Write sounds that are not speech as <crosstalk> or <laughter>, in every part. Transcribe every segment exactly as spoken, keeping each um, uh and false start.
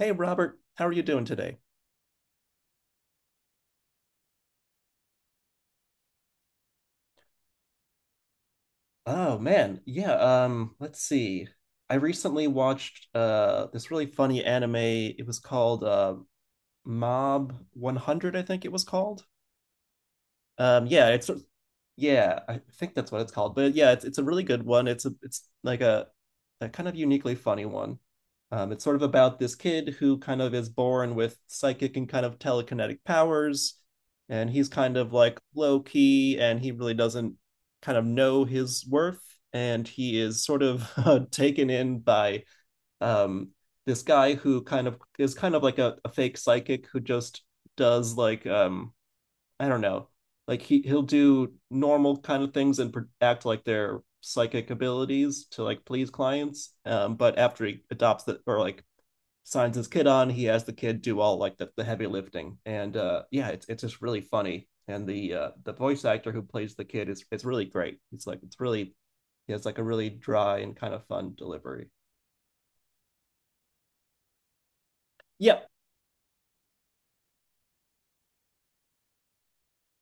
Hey Robert, how are you doing today? Oh man, yeah, um, let's see. I recently watched uh this really funny anime. It was called uh Mob one hundred, I think it was called. Um, yeah, it's yeah, I think that's what it's called. But yeah, it's it's a really good one. It's a it's like a, a kind of uniquely funny one. Um, it's sort of about this kid who kind of is born with psychic and kind of telekinetic powers, and he's kind of like low key, and he really doesn't kind of know his worth, and he is sort of <laughs> uh, taken in by um this guy who kind of is kind of like a, a fake psychic who just does like um I don't know. Like he he'll do normal kind of things and act like they're psychic abilities to like please clients. Um, but after he adopts the or like signs his kid on, he has the kid do all like the, the heavy lifting. And uh, yeah, it's it's just really funny. And the uh, the voice actor who plays the kid is it's really great. It's like it's really he has like a really dry and kind of fun delivery. Yep.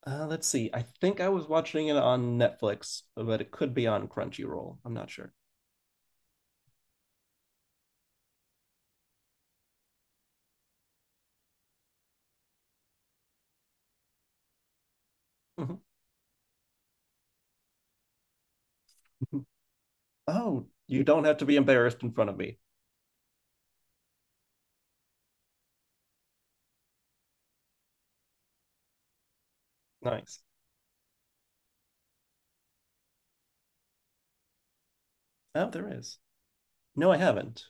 Uh, let's see. I think I was watching it on Netflix, but it could be on Crunchyroll. I'm not sure. Mhm. <laughs> Oh, you don't have to be embarrassed in front of me. Nice. Oh, there is. No, I haven't.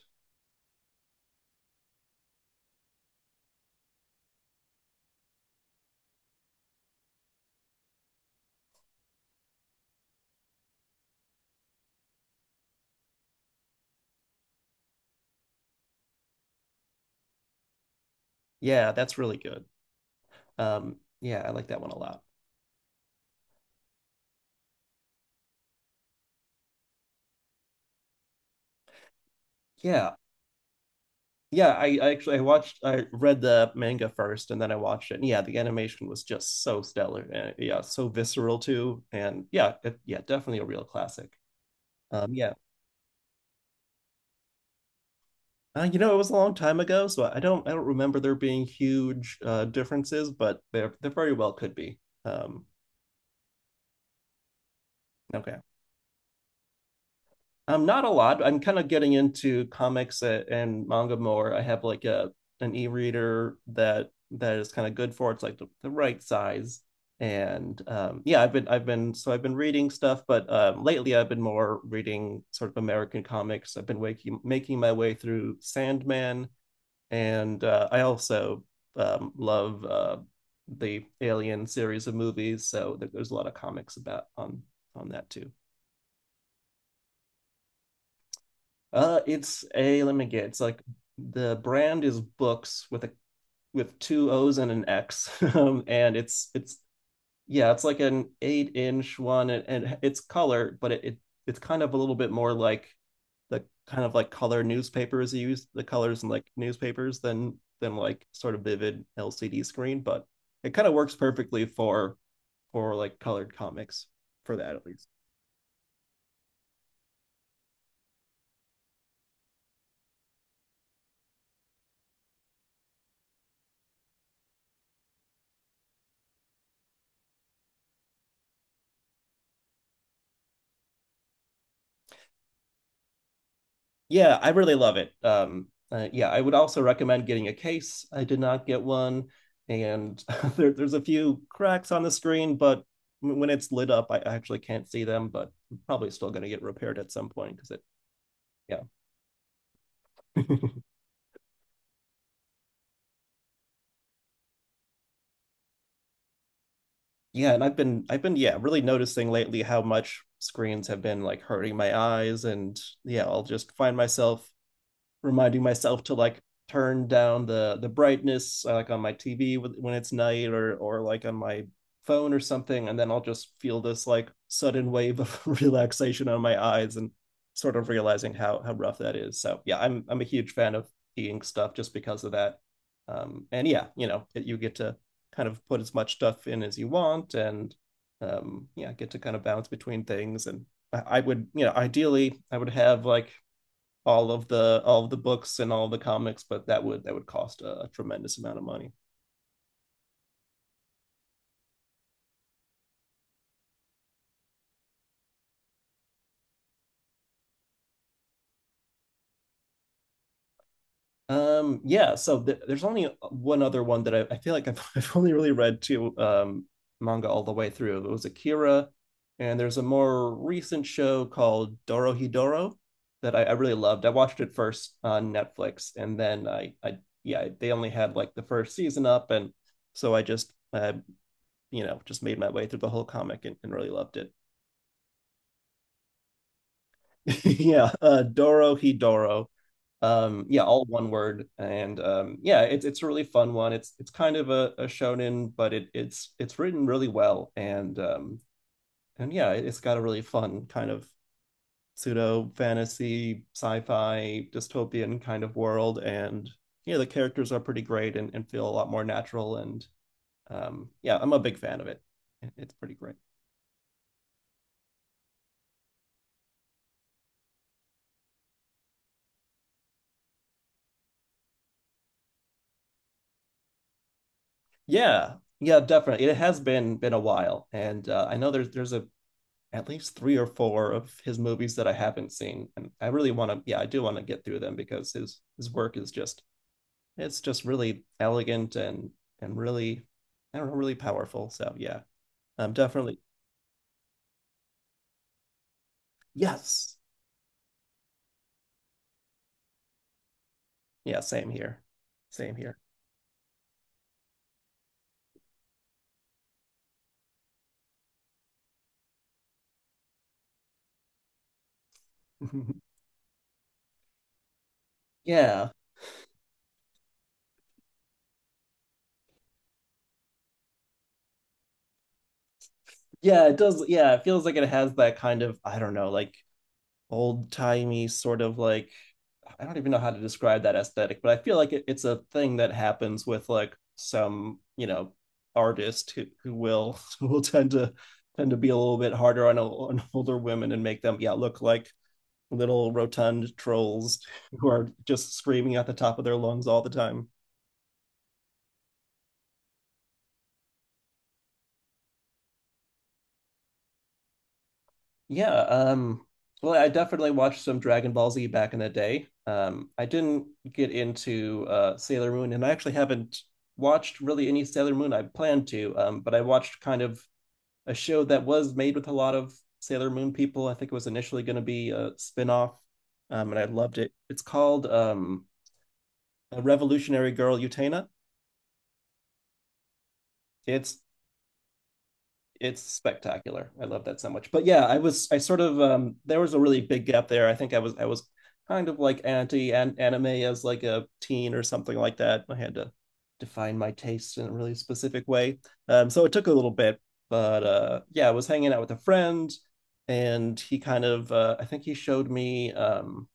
Yeah, that's really good. Um, yeah, I like that one a lot. Yeah. Yeah, I, I actually I watched I read the manga first and then I watched it. And yeah, the animation was just so stellar and yeah, so visceral too. And yeah, it, yeah, definitely a real classic. Um, yeah. Uh, you know, it was a long time ago, so I don't I don't remember there being huge uh differences, but there there very well could be. Um, okay. Um, not a lot. I'm kind of getting into comics uh, and manga more. I have like a an e-reader that that is kind of good for it. It's like the, the right size. And um, yeah, I've been I've been so I've been reading stuff, but um, lately I've been more reading sort of American comics. I've been waking making my way through Sandman, and uh, I also um, love uh, the Alien series of movies. So there, there's a lot of comics about on on that too. Uh, it's a Let me get. It's like the brand is books with a with two O's and an X, <laughs> and it's it's yeah, it's like an eight inch one, and, and it's color, but it, it it's kind of a little bit more like the kind of like color newspapers use the colors in like newspapers than than like sort of vivid L C D screen, but it kind of works perfectly for for like colored comics for that at least. Yeah, I really love it. Um, uh, yeah, I would also recommend getting a case. I did not get one, and <laughs> there, there's a few cracks on the screen, but when it's lit up, I actually can't see them. But I'm probably still going to get repaired at some point because it, yeah. <laughs> Yeah. And I've been, I've been, yeah, really noticing lately how much screens have been like hurting my eyes, and yeah, I'll just find myself reminding myself to like turn down the the brightness uh, like on my T V with, when it's night or or like on my phone or something and then I'll just feel this like sudden wave of <laughs> relaxation on my eyes and sort of realizing how how rough that is. So yeah, I'm I'm a huge fan of e-ink stuff just because of that. Um, and yeah, you know, it, you get to kind of put as much stuff in as you want and um, yeah, get to kind of bounce between things and I, I would, you know, ideally I would have like all of the all of the books and all the comics, but that would that would cost a, a tremendous amount of money. Um, yeah, so th- there's only one other one that I, I feel like I've, <laughs> I've only really read two um, manga all the way through. It was Akira, and there's a more recent show called Dorohedoro that I, I really loved. I watched it first on Netflix, and then I, I yeah, they only had like the first season up, and so I just uh, you know just made my way through the whole comic and, and really loved it. <laughs> Yeah, uh, Doro Hidoro. Um, yeah, all one word, and um, yeah, it's it's a really fun one. It's it's kind of a, a shonen, but it it's it's written really well, and um, and yeah, it's got a really fun kind of pseudo fantasy, sci-fi, dystopian kind of world, and yeah, the characters are pretty great and, and feel a lot more natural, and um, yeah, I'm a big fan of it. It- It's pretty great. Yeah, yeah, definitely. It has been been a while, and uh, I know there's there's a at least three or four of his movies that I haven't seen, and I really want to. Yeah, I do want to get through them because his his work is just it's just really elegant and and really I don't know really powerful. So yeah, I'm definitely yes, yeah, same here, same here. <laughs> Yeah, yeah, it does. Yeah, it feels like it has that kind of I don't know like old timey sort of like I don't even know how to describe that aesthetic, but I feel like it, it's a thing that happens with like some, you know, artist who, who will <laughs> who will tend to tend to be a little bit harder on, on older women and make them yeah look like little rotund trolls <laughs> who are just screaming at the top of their lungs all the time. Yeah, um well I definitely watched some Dragon Ball Z back in the day. Um I didn't get into uh Sailor Moon and I actually haven't watched really any Sailor Moon I planned to, um but I watched kind of a show that was made with a lot of Sailor Moon people. I think it was initially going to be a spinoff, um, and I loved it. It's called um, a Revolutionary Girl Utena. It's it's spectacular. I love that so much. But yeah, I was I sort of um there was a really big gap there. I think I was I was kind of like anti anime as like a teen or something like that. I had to define my taste in a really specific way. Um so it took a little bit, but uh yeah, I was hanging out with a friend and he kind of uh I think he showed me um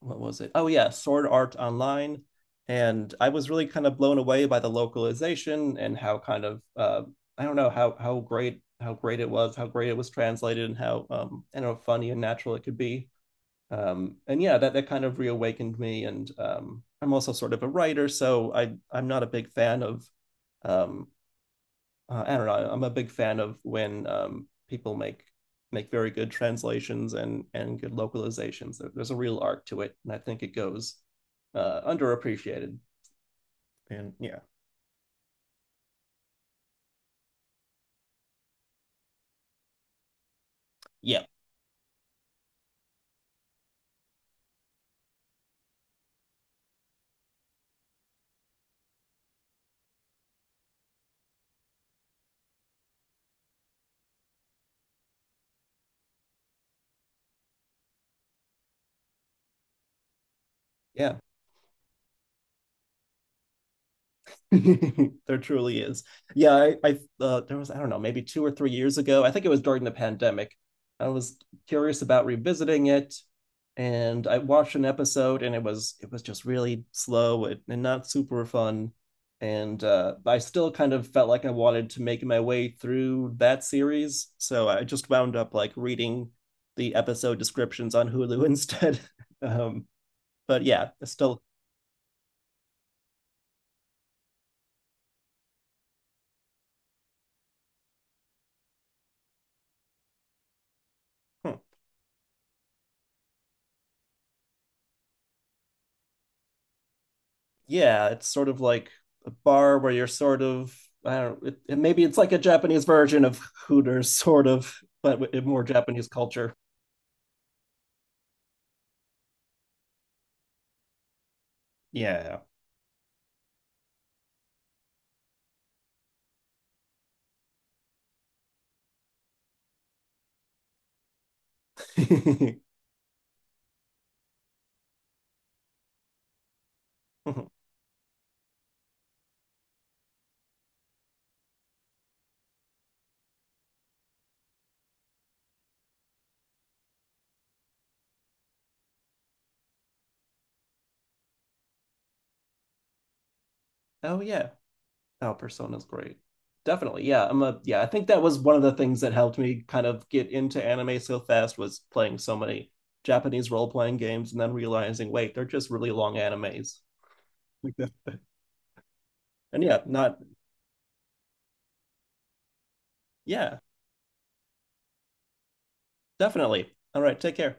what was it? Oh yeah, Sword Art Online, and I was really kind of blown away by the localization and how kind of uh, I don't know, how how great, how great it was, how great it was translated, and how um, I don't know funny and natural it could be. Um, and yeah, that that kind of reawakened me. And um, I'm also sort of a writer, so I I'm not a big fan of um, uh, I don't know. I'm a big fan of when um, people make make very good translations and and good localizations. There's a real art to it, and I think it goes uh, underappreciated. And yeah, yeah, yeah. <laughs> There truly is. Yeah, I, I uh, there was I don't know maybe two or three years ago. I think it was during the pandemic. I was curious about revisiting it, and I watched an episode, and it was it was just really slow and, and not super fun. And uh, I still kind of felt like I wanted to make my way through that series, so I just wound up like reading the episode descriptions on Hulu instead. <laughs> Um, but yeah, it's still yeah, it's sort of like a bar where you're sort of I don't know, it, it, maybe it's like a Japanese version of Hooters, sort of, but in more Japanese culture. Yeah. <laughs> Oh yeah. Oh, Persona's great. Definitely. Yeah. I'm a Yeah, I think that was one of the things that helped me kind of get into anime so fast was playing so many Japanese role-playing games and then realizing, wait, they're just really long animes. <laughs> and yeah, not Yeah, definitely. All right, take care.